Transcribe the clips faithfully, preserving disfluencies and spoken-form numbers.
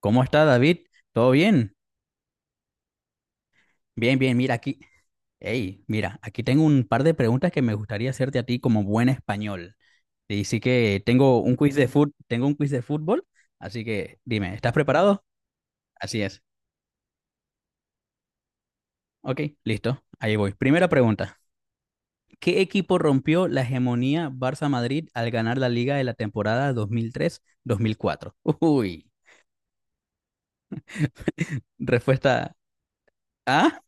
¿Cómo está David? ¿Todo bien? Bien, bien, mira aquí. Hey, mira, aquí tengo un par de preguntas que me gustaría hacerte a ti como buen español. Y sí que tengo un quiz de fut, tengo un quiz de fútbol, así que dime, ¿estás preparado? Así es. Ok, listo. Ahí voy. Primera pregunta. ¿Qué equipo rompió la hegemonía Barça-Madrid al ganar la liga de la temporada dos dos mil tres mil cuatro? Uy, respuesta A.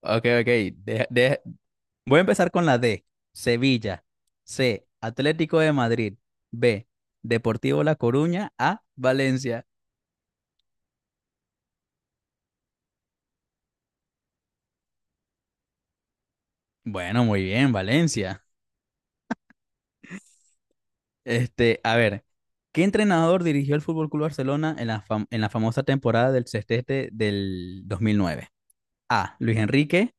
Ok, ok. de- de- Voy a empezar con la D, Sevilla. C, Atlético de Madrid. B, Deportivo La Coruña. A, Valencia. Bueno, muy bien, Valencia. Este, a ver, ¿qué entrenador dirigió el Fútbol Club Barcelona en la, fam- en la famosa temporada del sextete del dos mil nueve? A, Luis Enrique.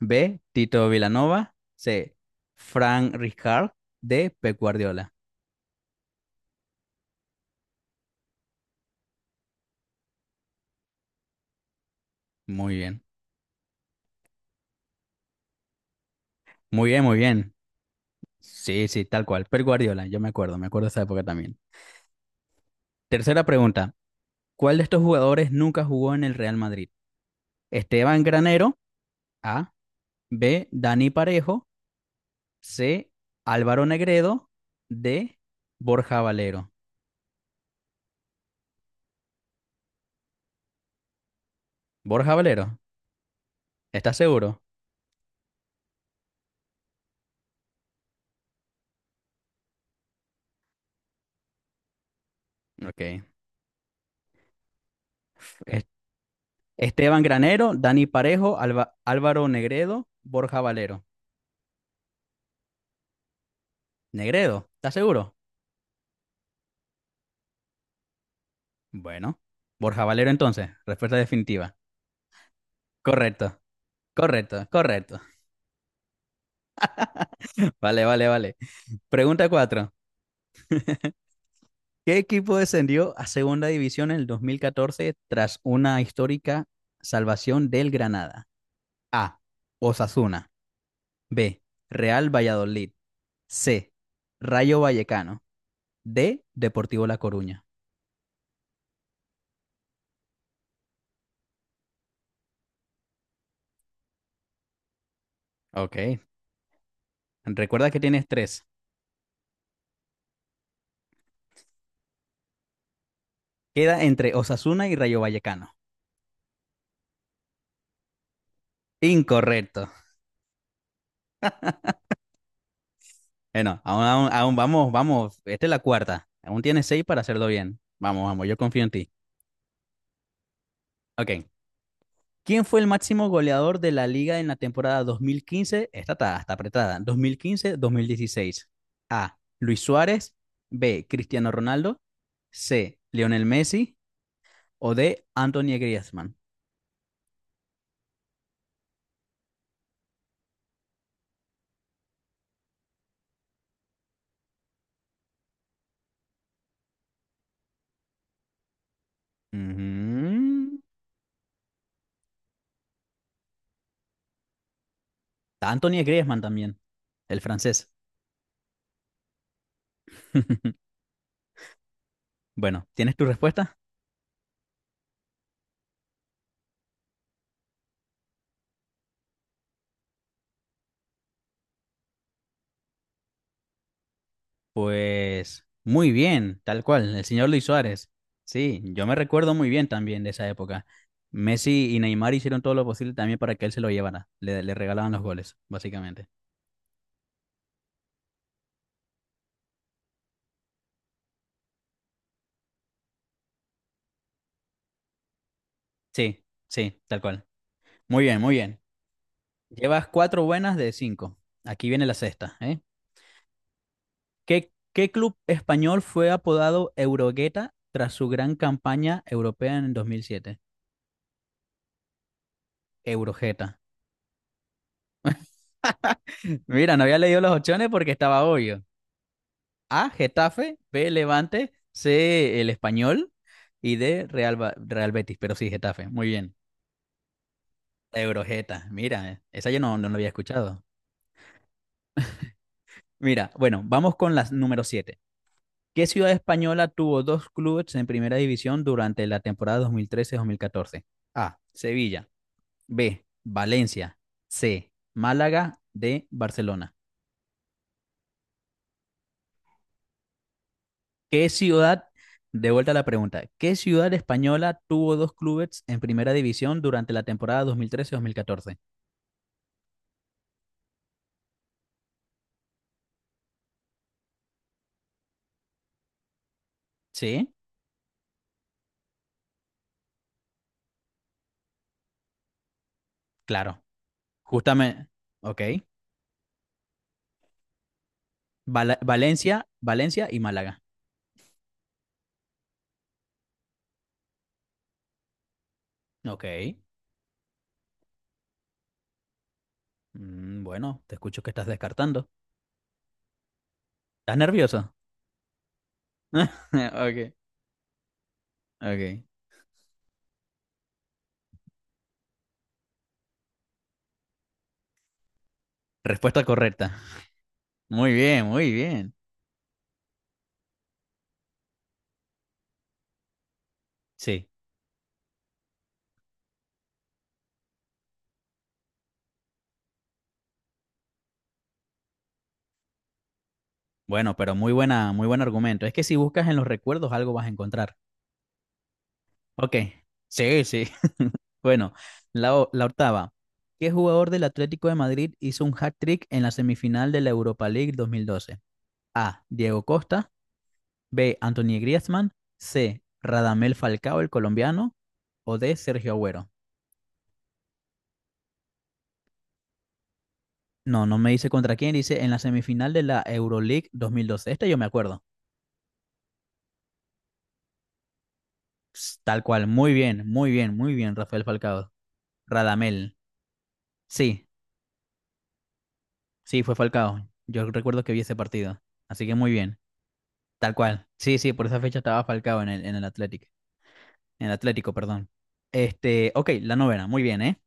B, Tito Vilanova. C, Frank Rijkaard. D, Pep Guardiola. Muy bien, muy bien, muy bien. Sí, sí, tal cual. Pep Guardiola, yo me acuerdo, me acuerdo de esa época también. Tercera pregunta. ¿Cuál de estos jugadores nunca jugó en el Real Madrid? Esteban Granero, A. B. Dani Parejo, C. Álvaro Negredo, D. Borja Valero. Borja Valero, ¿estás seguro? Ok. Es- Esteban Granero, Dani Parejo, Alba- Álvaro Negredo, Borja Valero. Negredo, ¿estás seguro? Bueno, Borja Valero entonces, respuesta definitiva. Correcto, correcto, correcto. Vale, vale, vale. Pregunta cuatro. ¿Qué equipo descendió a segunda división en el dos mil catorce tras una histórica salvación del Granada? A. Osasuna. B. Real Valladolid. C. Rayo Vallecano. D. Deportivo La Coruña. Ok. Recuerda que tienes tres. Queda entre Osasuna y Rayo Vallecano. Incorrecto. Bueno, aún, aún, aún vamos, vamos. Esta es la cuarta. Aún tienes seis para hacerlo bien. Vamos, vamos, yo confío en ti. Ok. ¿Quién fue el máximo goleador de la liga en la temporada dos mil quince? Esta está, está apretada. dos mil quince-dos mil dieciséis. A. Luis Suárez. B. Cristiano Ronaldo. C. Lionel Messi. O D. Anthony Griezmann. Ujú. Anthony Griezmann también, el francés. Bueno, ¿tienes tu respuesta? Pues muy bien, tal cual, el señor Luis Suárez. Sí, yo me recuerdo muy bien también de esa época. Messi y Neymar hicieron todo lo posible también para que él se lo llevara. Le, le regalaban los goles, básicamente. Sí, sí, tal cual. Muy bien, muy bien. Llevas cuatro buenas de cinco. Aquí viene la sexta, ¿eh? ¿Qué, qué club español fue apodado Eurogueta tras su gran campaña europea en dos mil siete? Eurogeta. Mira, no había leído las opciones porque estaba obvio. A, Getafe, B, Levante, C, el Español y D, Real, Ba- Real Betis, pero sí, Getafe, muy bien. La Eurojeta, mira, eh, esa yo no, no la había escuchado. Mira, bueno, vamos con las número siete. ¿Qué ciudad española tuvo dos clubes en primera división durante la temporada dos mil trece-dos mil catorce? A, Sevilla, B, Valencia, C, Málaga, D, Barcelona. ¿Qué ciudad, de vuelta a la pregunta, ¿qué ciudad española tuvo dos clubes en primera división durante la temporada dos dos mil trece mil catorce? Sí, claro. Justamente, ok. Val- Valencia, Valencia y Málaga. Ok. Mm, bueno, te escucho que estás descartando. ¿Estás nervioso? Ok, ok. Respuesta correcta. Muy bien, muy bien. Sí. Bueno, pero muy buena, muy buen argumento. Es que si buscas en los recuerdos algo vas a encontrar. Ok, sí, sí. Bueno, la, o- la octava. ¿Qué jugador del Atlético de Madrid hizo un hat-trick en la semifinal de la Europa League dos mil doce? A. Diego Costa. B. Anthony Griezmann. C. Radamel Falcao, el colombiano. O D. Sergio Agüero. No, no me dice contra quién, dice en la semifinal de la Euroleague dos mil doce. Este yo me acuerdo. Ps, tal cual, muy bien, muy bien, muy bien, Rafael Falcao. Radamel. Sí, sí, fue Falcao. Yo recuerdo que vi ese partido. Así que muy bien. Tal cual. Sí, sí, por esa fecha estaba Falcao en el, en el Athletic. En el Atlético, perdón. Este, ok, la novena, muy bien, ¿eh?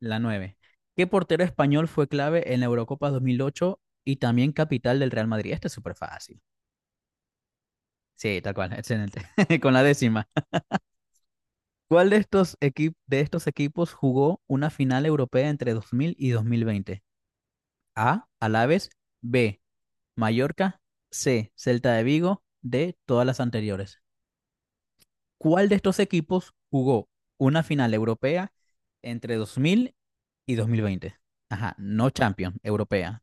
La nueve. ¿Qué portero español fue clave en la Eurocopa dos mil ocho y también capital del Real Madrid? Este es súper fácil. Sí, tal cual, excelente. Con la décima. ¿Cuál de estos, equi- ¿De estos equipos jugó una final europea entre dos mil y dos mil veinte? A. Alaves. B. Mallorca. C. Celta de Vigo. D. Todas las anteriores. ¿Cuál de estos equipos jugó una final europea entre dos mil y dos mil veinte? Ajá, no Champions, europea.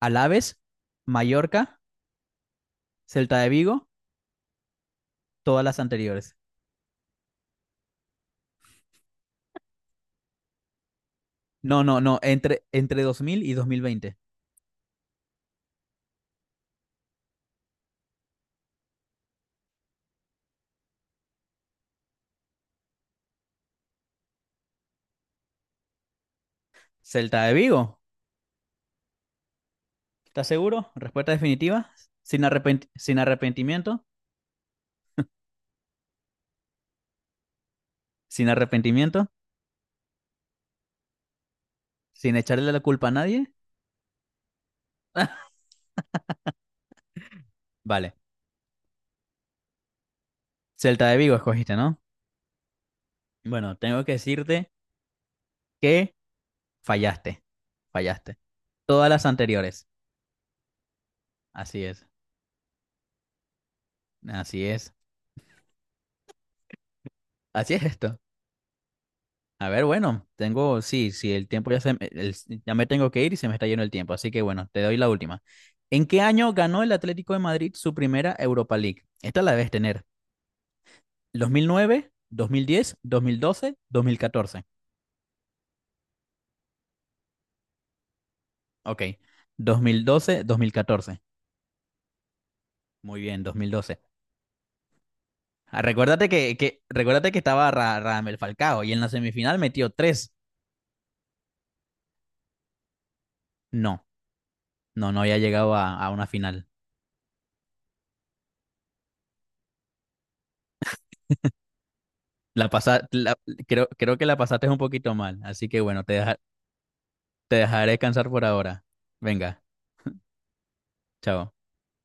Alaves, Mallorca, Celta de Vigo, todas las anteriores. No, no, no, entre, entre dos mil y dos mil veinte. Celta de Vigo, ¿estás seguro? Respuesta definitiva, sin arrepent- sin arrepentimiento, sin arrepentimiento, sin echarle la culpa a nadie. Vale, Celta de Vigo escogiste, ¿no? Bueno, tengo que decirte que fallaste, fallaste. Todas las anteriores. Así es, así es, así es esto. A ver, bueno, tengo, sí, sí, el tiempo ya se, me- el- ya me tengo que ir y se me está yendo el tiempo, así que bueno, te doy la última. ¿En qué año ganó el Atlético de Madrid su primera Europa League? Esta la debes tener. Dos dos dos mil diez, dos mil doce, dos mil nueve diez dos mil nueve, dos mil dos mil catorce. Ok, mil catorce. Muy bien, dos mil doce. Ah, recuérdate que, que, recuérdate que estaba Ra- Radamel Falcao y en la semifinal metió tres. No, no, no había llegado a a una final. La pasa, la- creo, creo que la pasaste un poquito mal, así que bueno, te deja- te dejaré descansar por ahora. Venga, chao.